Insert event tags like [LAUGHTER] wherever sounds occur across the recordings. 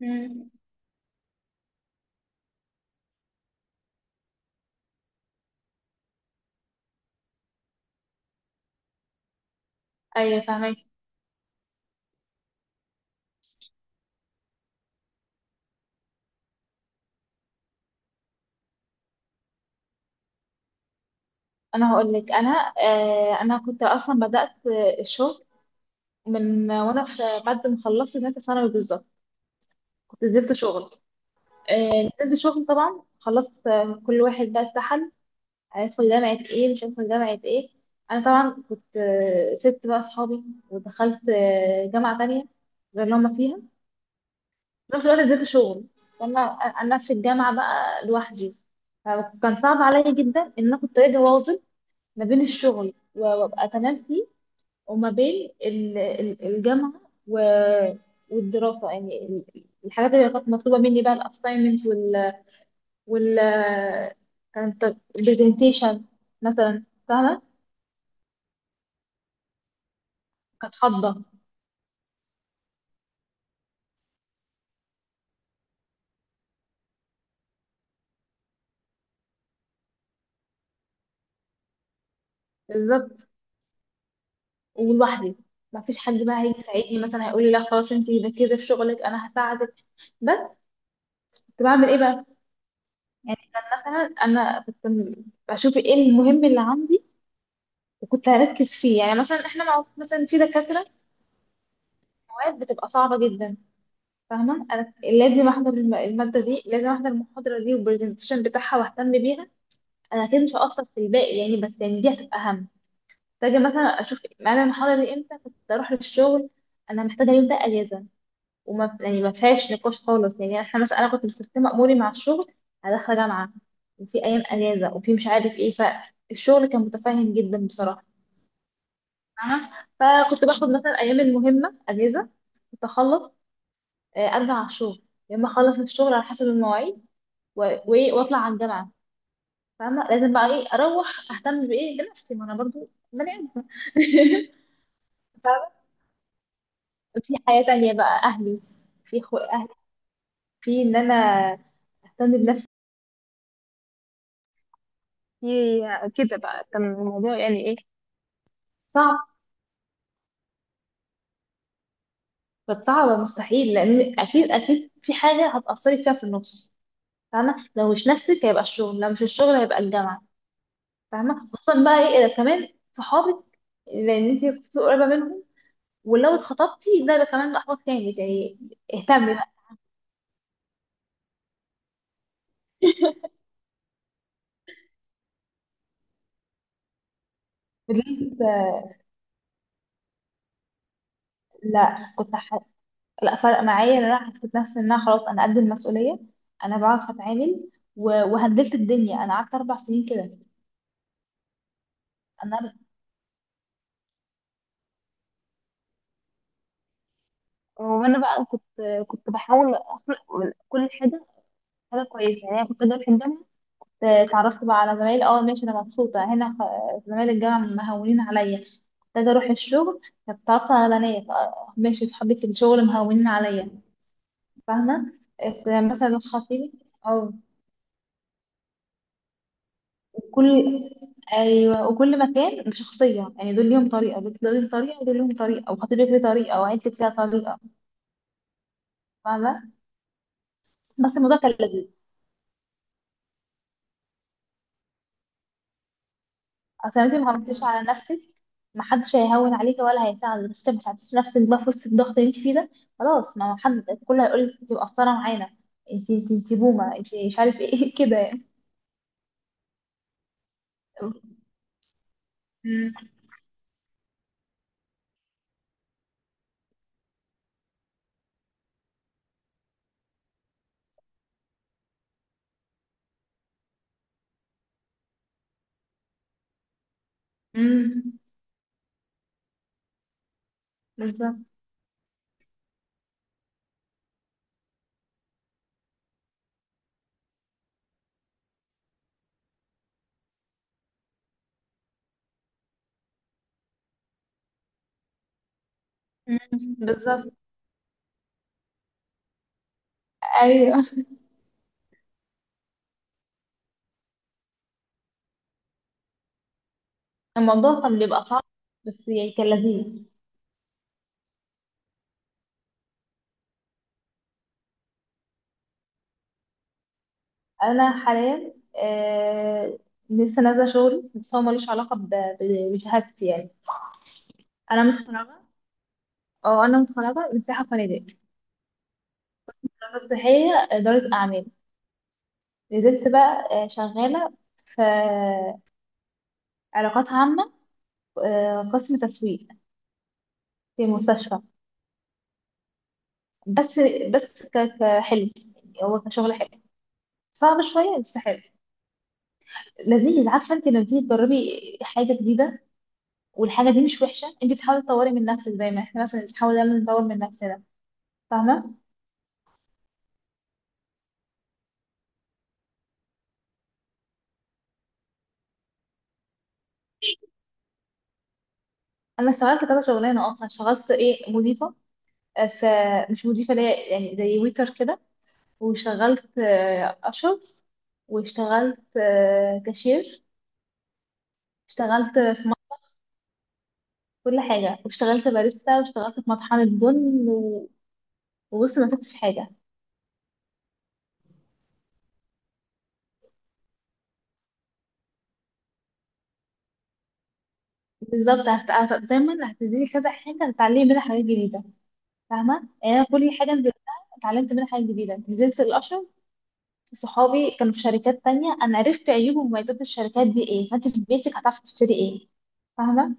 مم. ايوه، فاهمك. انا هقول لك، انا كنت اصلا بدات الشغل من وانا في بعد ما خلصت ثالثه ثانوي بالظبط. كنت نزلت شغل. نزلت شغل، طبعا خلصت. كل واحد بقى اتسحل، هيدخل جامعه ايه، مش هيدخل جامعه ايه. انا طبعا كنت، سبت بقى اصحابي، ودخلت جامعه تانية غير اللي هما فيها. في نفس الوقت نزلت شغل. فانا انا في الجامعه بقى لوحدي، فكان صعب عليا جدا ان انا كنت اجي واظب ما بين الشغل وابقى تمام فيه، وما بين الجامعه و- والدراسه، يعني الحاجات اللي كانت مطلوبه مني بقى، الاساينمنتس وال وال كانت البرزنتيشن مثلا، فاهمه. كانت فضه بالظبط، ولوحدي، ما فيش حد بقى هيجي يساعدني مثلا هيقول لي لا خلاص انت ركزي في شغلك انا هساعدك. بس كنت بعمل ايه بقى؟ يعني كان مثلا، بشوف ايه المهم اللي عندي وكنت هركز فيه. يعني مثلا احنا مع مثلا في دكاتره، أوقات بتبقى صعبة جدا، فاهمة. أنا لازم أحضر المادة دي، لازم أحضر المحاضرة دي والبرزنتيشن بتاعها وأهتم بيها. أنا أكيد مش هأثر في الباقي يعني، بس يعني دي هتبقى أهم. محتاجة مثلا أشوف أنا المحاضرة دي إمتى كنت أروح للشغل. أنا محتاجة اليوم ده أجازة، وما، يعني، ما فيهاش نقاش خالص. يعني إحنا مثلا، أنا كنت مستسلمة أموري مع الشغل، أنا داخلة جامعة وفي أيام أجازة وفي مش عارف إيه. فالشغل كان متفاهم جدا بصراحة، فاهمة. فكنت باخد مثلا أيام المهمة أجازة، كنت أخلص، ارجع على الشغل، يا اما اخلص الشغل على حسب المواعيد وايه، واطلع على الجامعه، فاهمه. لازم بقى ايه، اروح اهتم بايه، بنفسي، ما انا برضو بني آدم. [LAUGHS] فاهمه، في حياه تانية بقى، اهلي. اهلي، في ان انا اهتم بنفسي، في كده بقى كان الموضوع يعني ايه، صعب. فالصعب مستحيل، لان اكيد اكيد في حاجه هتاثري فيها في النص، فاهمه. لو مش نفسك هيبقى الشغل، لو مش الشغل هيبقى الجامعه، فاهمه. خصوصا بقى ايه، إذا كمان صحابك، لان انت كنت قريبه منهم. ولو اتخطبتي ده بقى كمان بقى خطوة تاني زي، اهتمي بقى. فضلت آه، لا كنت ح... لا، فرق معايا ان انا حسيت نفسي ان انا خلاص انا قد المسؤولية، انا بعرف اتعامل وهندلت الدنيا. انا قعدت اربع سنين كده. انا وانا بقى كنت كنت بحاول اخلق من كل حاجه حاجه كويسه. يعني انا كنت اجي في الجامعه، اتعرفت بقى على زمايلي، اه ماشي انا مبسوطة هنا، زمايل الجامعة مهونين عليا. كنت اجي اروح الشغل، اتعرفت على بنات، ماشي صحابي في الشغل مهونين عليا، فاهمة. مثلا خطيبي أو كل أيوة، وكل مكان بشخصية، يعني دول ليهم طريقة، دول ليهم طريقة، ودول ليهم طريقة، وخطيبك ليه طريقة، وعيلتك ليها طريقة، فاهمة. بس الموضوع كان لذيذ. أصل أنت ما غلطتيش على نفسك. محدش هيهون عليكي ولا هيساعدك، بس ما ساعدتيش نفسك بقى في وسط الضغط اللي انت فيه ده. خلاص، ما هو حد كله هيقول لك انت مقصرة معانا، انت بومة، انت مش عارف ايه [LAUGHS] كده يعني. أمم، أمم، بالظبط. أمم، بالظبط، ايوه. الموضوع كان بيبقى صعب، بس يعني كان لذيذ. انا حاليا لسه نازله شغلي، بس هو ملوش علاقه ب- بشهادتي يعني. انا متخرجه. اه، انا متخرجه من سياحه وفنادق، دراسه صحيه، اداره اعمال. نزلت بقى شغاله في علاقات عامه، قسم تسويق، في مستشفى. بس كحلو، هو كشغل حلو. صعب شويه بس حلو، لذيذ. عارفه انت، لما تيجي تجربي حاجه جديده والحاجه دي مش وحشه، انت بتحاولي تطوري من نفسك دايما. احنا مثلا بنحاول دايما نطور من نفسنا، فاهمه. انا اشتغلت كذا شغلانه اصلا. اشتغلت ايه، مضيفه. آه، ف مش مضيفه اللي هي يعني زي ويتر كده. واشتغلت اشر واشتغلت كاشير. اشتغلت في مط- كل حاجه. واشتغلت باريستا، واشتغلت في مطحنه بن و- وبصي، ما فاتش حاجه. بالظبط، دايما هتديني كذا حاجه هتتعلمي منها حاجات جديده، فاهمه. يعني انا كل حاجه نزلتها اتعلمت منها حاجات جديده. نزلت الاشر، صحابي كانوا في شركات تانية، أنا عرفت عيوب ومميزات الشركات دي إيه، فأنت في بيتك هتعرفي تشتري إيه، فاهمة.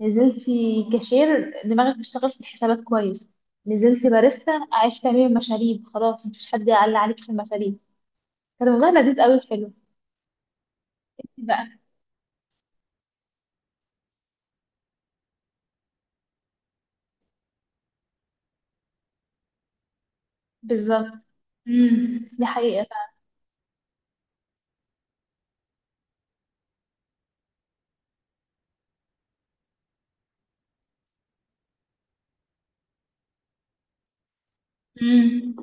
نزلتي كاشير، دماغك بتشتغل في الحسابات كويس. نزلت باريستا، عرفت تعملي المشاريب، خلاص مفيش حد يعلق عليك في المشاريب. كان الموضوع لذيذ أوي وحلو بقى. بالظبط. دي حقيقة. امم.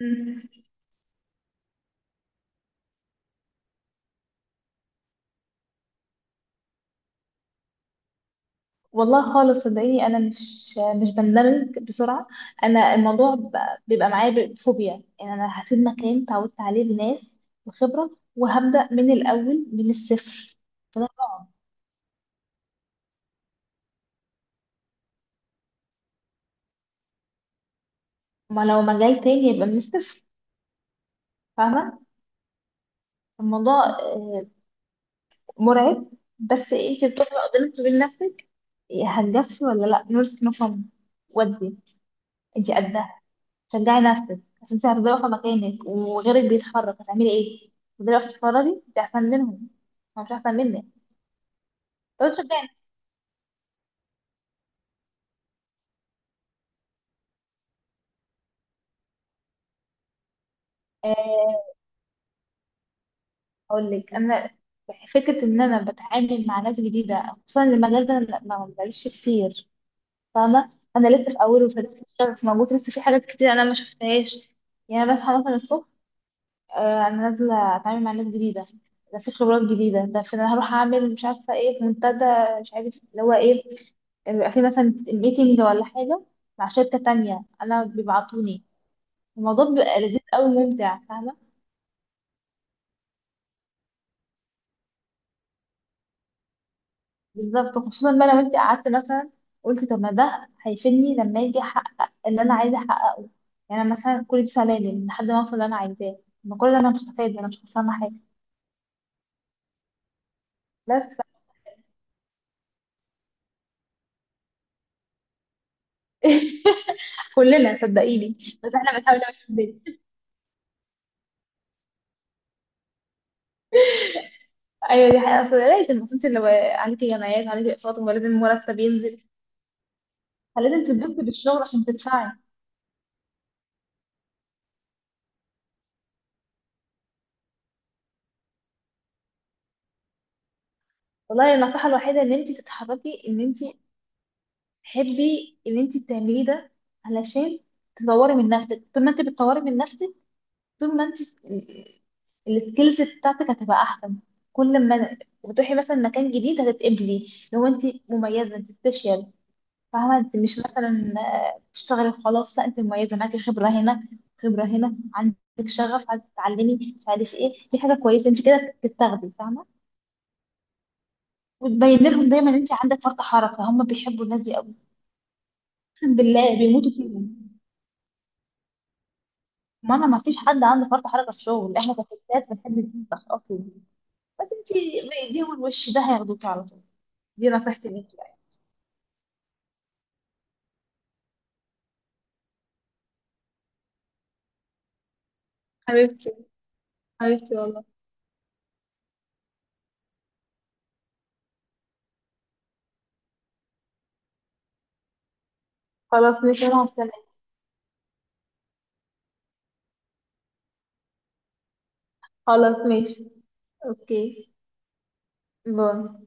أيوه. والله خالص صدقيني، انا مش بندمج بسرعه. انا الموضوع بيبقى معايا بفوبيا. يعني انا هسيب مكان تعودت عليه بناس وخبره وهبدا من الاول من الصفر. فده طبعا، ما لو مجال تاني يبقى من الصفر، فاهمه. الموضوع مرعب. بس انت بتقفي قدامك وبين نفسك، هتجازفي ولا لا، نورس نفهم. ودي، انت قدها. شجعي نفسك، عشان انت هتبقي واقفه مكانك وغيرك بيتحرك، هتعملي ايه؟ تفضلي واقفه تتفرجي؟ انت احسن منهم، هو مش احسن منك. طب شجعي، آه، اقول لك انا، فكره ان انا بتعامل مع ناس جديده، خصوصا المجال ده أنا ما بلاقيش فيه كتير، فاهمه. انا لسه في اوله، مش موجود لسه في حاجات كتير انا ما شفتهاش. يعني أنا بصحى مثلا الصبح، انا نازله اتعامل مع ناس جديده، ده في خبرات جديده، ده في انا هروح اعمل مش عارفه ايه في منتدى، مش عارف اللي هو ايه، يعني بيبقى في مثلا ميتنج ولا حاجه مع شركه تانية انا بيبعتوني. الموضوع بيبقى لذيذ قوي وممتع، فاهمه. بالظبط، وخصوصا بقى لو انت قعدت مثلا قلت طب ما ده هيفيدني لما اجي احقق اللي انا عايزه احققه. يعني أنا مثلا كل دي سلالم لحد ما اوصل اللي انا عايزاه، ما كل ده انا مش هستفاد، انا مش خسرانه حاجه. بس [LAUGHS] كلنا صدقيني، بس احنا بنحاول نمشي. ايوه دي حقيقة، اصل لازم انت لو عليكي جمعيات وعليكي اقساط، ولازم مرتب ينزل، فلازم تتبسطي بالشغل عشان تدفعي. والله النصيحة الوحيدة ان انت تتحركي، ان انت تحبي ان انت تعملي ده علشان تطوري من نفسك. طول ما انت بتطوري من نفسك، طول ما انت السكيلز بتاعتك هتبقى احسن. كل ما وتروحي مثلا مكان جديد هتتقبلي. لو انت مميزة، انت سبيشال، فاهمة. انت مش مثلا بتشتغلي وخلاص. لا، انت مميزة، معاكي خبرة هنا، خبرة هنا عندك، شغف، عايزة تتعلمي مش عارف ايه، دي حاجة كويسة. انت كده بتتاخدي، فاهمة. وتبين لهم دايما ان انت عندك فرط حركة، هم بيحبوا الناس دي قوي، اقسم بالله بيموتوا فيهم. ماما، ما فيش حد عنده فرط حركة في الشغل، احنا كفتات بنحب ننفخ اصلا. بس انت ايديهم الوش ده هياخدوكي على طول. دي نصيحتي ليكي يعني. حبيبتي. حبيبتي والله. خلاص ماشي، يلا سلام. خلاص ماشي. اوكي، باي.